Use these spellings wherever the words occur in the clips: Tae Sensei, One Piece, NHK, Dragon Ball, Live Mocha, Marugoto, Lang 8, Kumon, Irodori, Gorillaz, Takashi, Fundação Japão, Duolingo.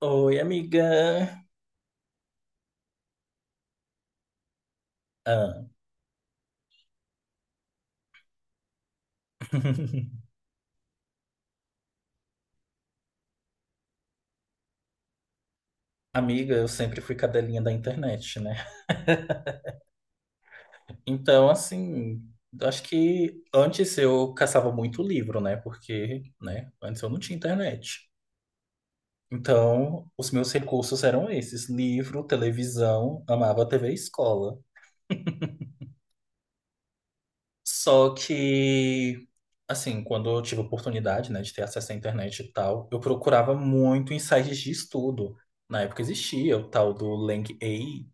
Oi, amiga. Ah. Amiga, eu sempre fui cadelinha da internet, né? Então, assim, acho que antes eu caçava muito livro, né? Porque, né, antes eu não tinha internet. Então, os meus recursos eram esses: livro, televisão, amava TV e escola. Só que, assim, quando eu tive oportunidade, né, de ter acesso à internet e tal, eu procurava muito em sites de estudo. Na época existia o tal do Lang 8.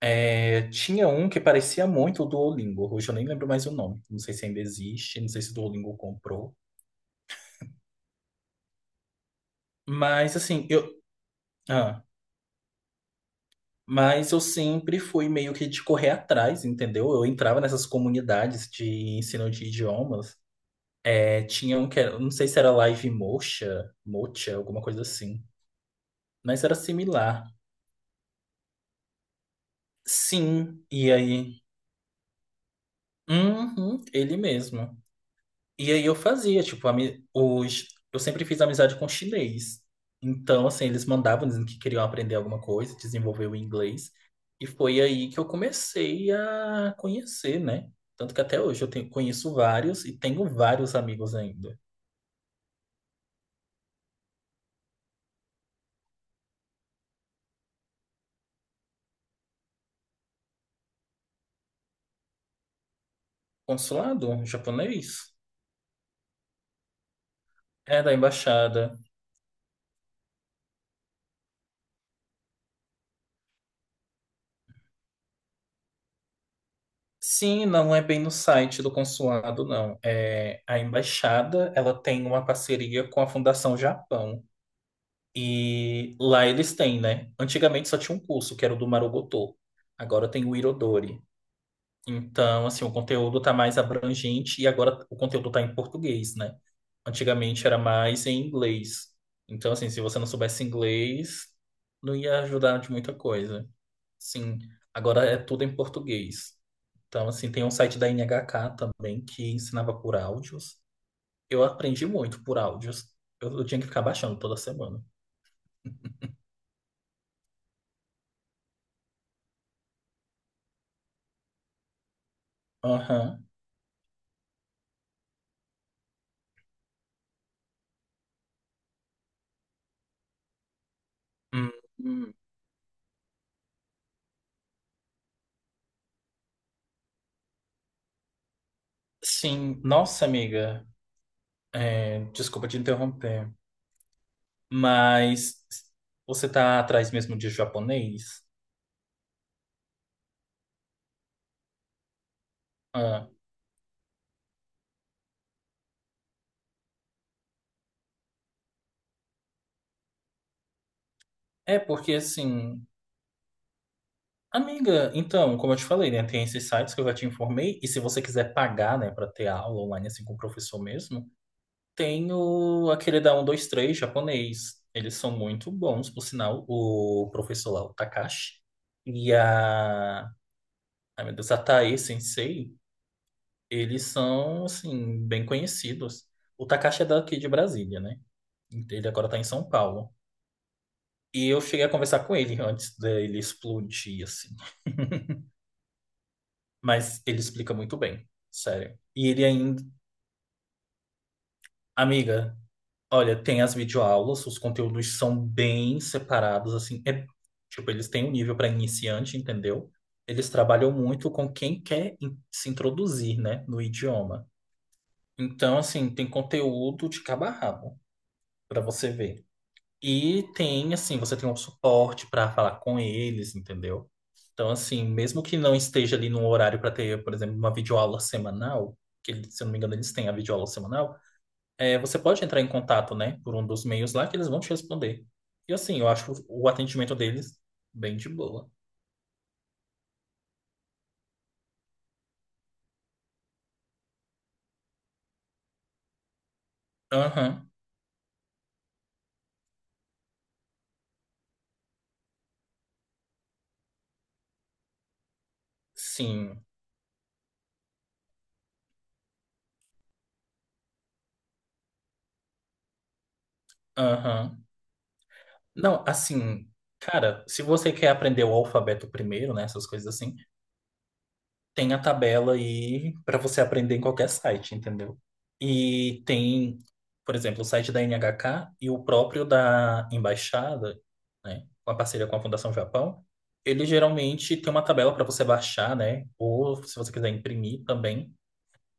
É, tinha um que parecia muito o Duolingo, hoje eu nem lembro mais o nome. Não sei se ainda existe, não sei se o Duolingo comprou. Mas assim, ah, mas eu sempre fui meio que de correr atrás, entendeu? Eu entrava nessas comunidades de ensino de idiomas. É, tinha um que era, não sei se era Live Mocha, Mocha, alguma coisa assim. Mas era similar. Sim, e aí? Uhum, ele mesmo. E aí eu fazia, tipo, eu sempre fiz amizade com chinês. Então, assim, eles mandavam dizendo que queriam aprender alguma coisa, desenvolver o inglês. E foi aí que eu comecei a conhecer, né? Tanto que até hoje eu conheço vários e tenho vários amigos ainda. Consulado japonês? É, da embaixada. Sim, não é bem no site do consulado, não. É, a embaixada, ela tem uma parceria com a Fundação Japão. E lá eles têm, né? Antigamente só tinha um curso, que era o do Marugoto. Agora tem o Irodori. Então, assim, o conteúdo tá mais abrangente e agora o conteúdo tá em português, né? Antigamente era mais em inglês. Então, assim, se você não soubesse inglês, não ia ajudar de muita coisa. Sim, agora é tudo em português. Então, assim, tem um site da NHK também que ensinava por áudios. Eu aprendi muito por áudios. Eu tinha que ficar baixando toda semana. Aham. Hum, hum. Sim, nossa amiga, é, desculpa te interromper, mas você tá atrás mesmo de japonês? Ah, é porque assim, amiga, então, como eu te falei, né, tem esses sites que eu já te informei, e se você quiser pagar, né, para ter aula online assim com o professor mesmo, tem o, aquele da 123 japonês. Eles são muito bons, por sinal, o professor lá, o Takashi, e a, ai meu Deus, a Tae Sensei. Eles são, assim, bem conhecidos. O Takashi é daqui de Brasília, né? Ele agora tá em São Paulo. E eu cheguei a conversar com ele antes dele explodir, assim. Mas ele explica muito bem, sério. E ele ainda... Amiga, olha, tem as videoaulas, os conteúdos são bem separados, assim. É, tipo, eles têm um nível para iniciante, entendeu? Eles trabalham muito com quem quer se introduzir, né, no idioma. Então, assim, tem conteúdo de cabo a rabo para você ver. E tem, assim, você tem um suporte para falar com eles, entendeu? Então, assim, mesmo que não esteja ali num horário para ter, por exemplo, uma videoaula semanal, que se eu não me engano eles têm a videoaula semanal, é, você pode entrar em contato, né, por um dos meios lá que eles vão te responder. E, assim, eu acho o atendimento deles bem de boa. Aham, sim, aham. Não, assim, cara, se você quer aprender o alfabeto primeiro, né, essas coisas assim. Tem a tabela aí para você aprender em qualquer site, entendeu? E tem, por exemplo, o site da NHK e o próprio da embaixada, né, com a parceria com a Fundação Japão, ele geralmente tem uma tabela para você baixar, né, ou se você quiser imprimir também,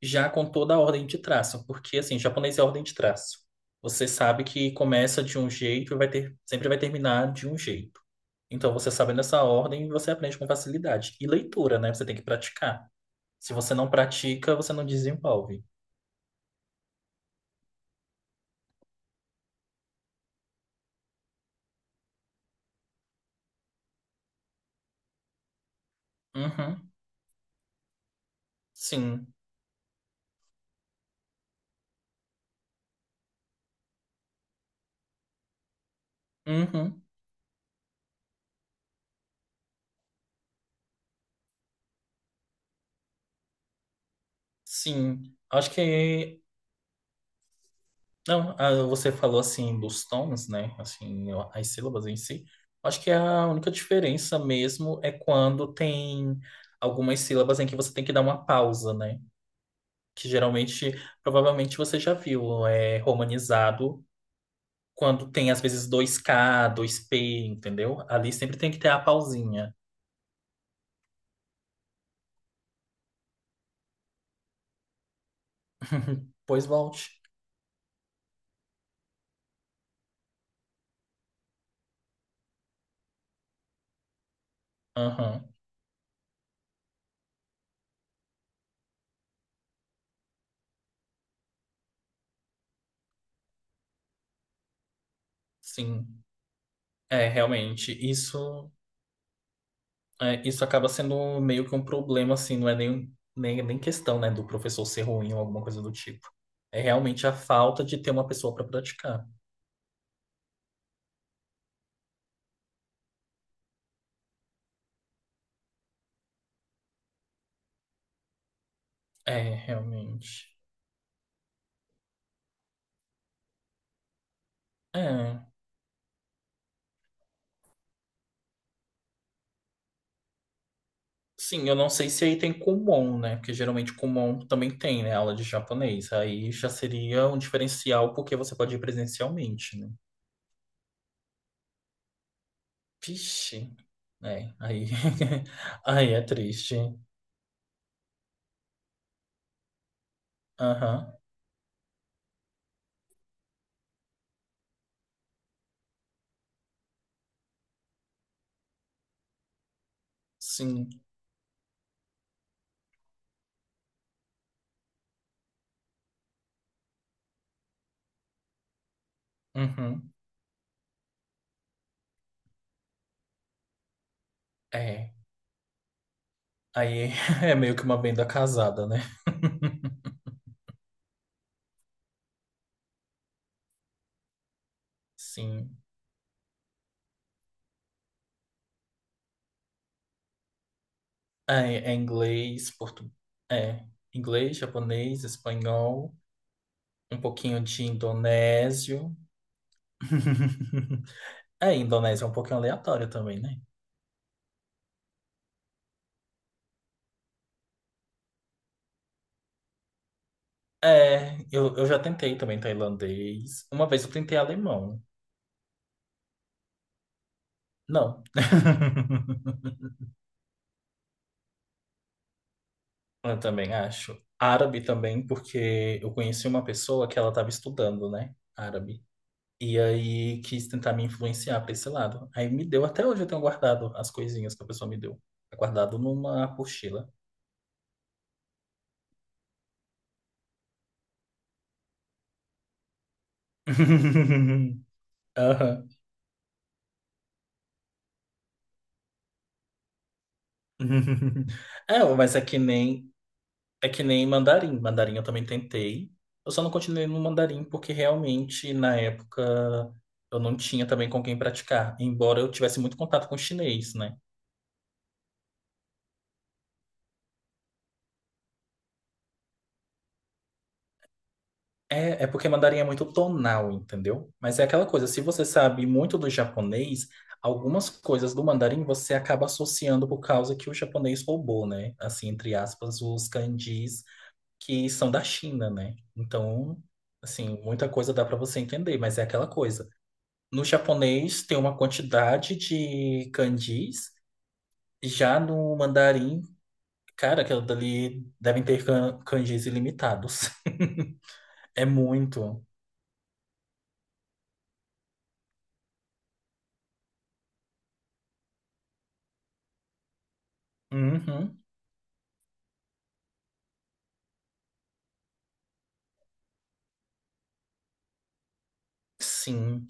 já com toda a ordem de traço, porque assim, japonês é ordem de traço. Você sabe que começa de um jeito e vai ter, sempre vai terminar de um jeito. Então, você sabendo essa ordem, você aprende com facilidade. E leitura, né? Você tem que praticar. Se você não pratica, você não desenvolve. Uhum. Sim. Uhum. Sim. Acho que. Não, ah, você falou assim dos tons, né? Assim, as sílabas em si. Acho que a única diferença mesmo é quando tem algumas sílabas em que você tem que dar uma pausa, né? Que geralmente, provavelmente você já viu, é romanizado quando tem às vezes dois k dois p entendeu? Ali sempre tem que ter a pausinha. Pois volte. Aham, sim. É, realmente, isso, é, isso acaba sendo meio que um problema, assim, não é nem questão, né, do professor ser ruim ou alguma coisa do tipo. É realmente a falta de ter uma pessoa para praticar. É, realmente. É. Sim, eu não sei se aí tem Kumon, né, porque geralmente Kumon também tem, né, aula de japonês. Aí já seria um diferencial porque você pode ir presencialmente, né. Vixe. É, aí. Aí é triste. Aham, sim. Uhum. É. Aí é meio que uma venda casada, né? Sim. É, é inglês, portu... é inglês, japonês, espanhol, um pouquinho de indonésio. É, indonésio é um pouquinho aleatório também, né? É, eu já tentei também tailandês. Uma vez eu tentei alemão. Não. Eu também acho. Árabe também, porque eu conheci uma pessoa que ela estava estudando, né? Árabe. E aí quis tentar me influenciar para esse lado. Aí me deu, até hoje eu tenho guardado as coisinhas que a pessoa me deu. É guardado numa apostila. Aham. É, mas é que nem mandarim. Mandarim eu também tentei. Eu só não continuei no mandarim porque realmente na época eu não tinha também com quem praticar. Embora eu tivesse muito contato com chinês, né? É, é porque mandarim é muito tonal, entendeu? Mas é aquela coisa, se você sabe muito do japonês, algumas coisas do mandarim você acaba associando por causa que o japonês roubou, né? Assim, entre aspas, os kanjis que são da China, né? Então, assim, muita coisa dá para você entender, mas é aquela coisa. No japonês tem uma quantidade de kanjis, já no mandarim, cara, aquilo dali devem ter kanjis ilimitados. É muito. Uhum. Sim.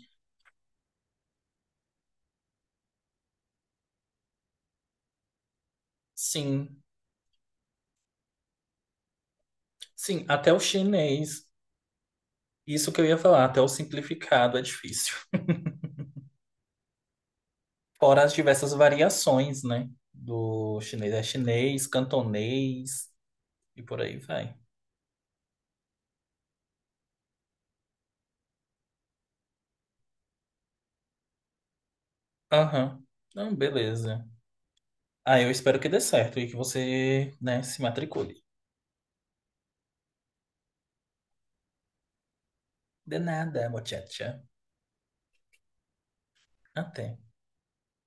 Sim, sim, até o chinês, isso que eu ia falar, até o simplificado é difícil. Fora as diversas variações, né? Do chinês é chinês, cantonês e por aí vai. Aham. Não, beleza. Ah, eu espero que dê certo e que você, né, se matricule. De nada, mochacha. Até.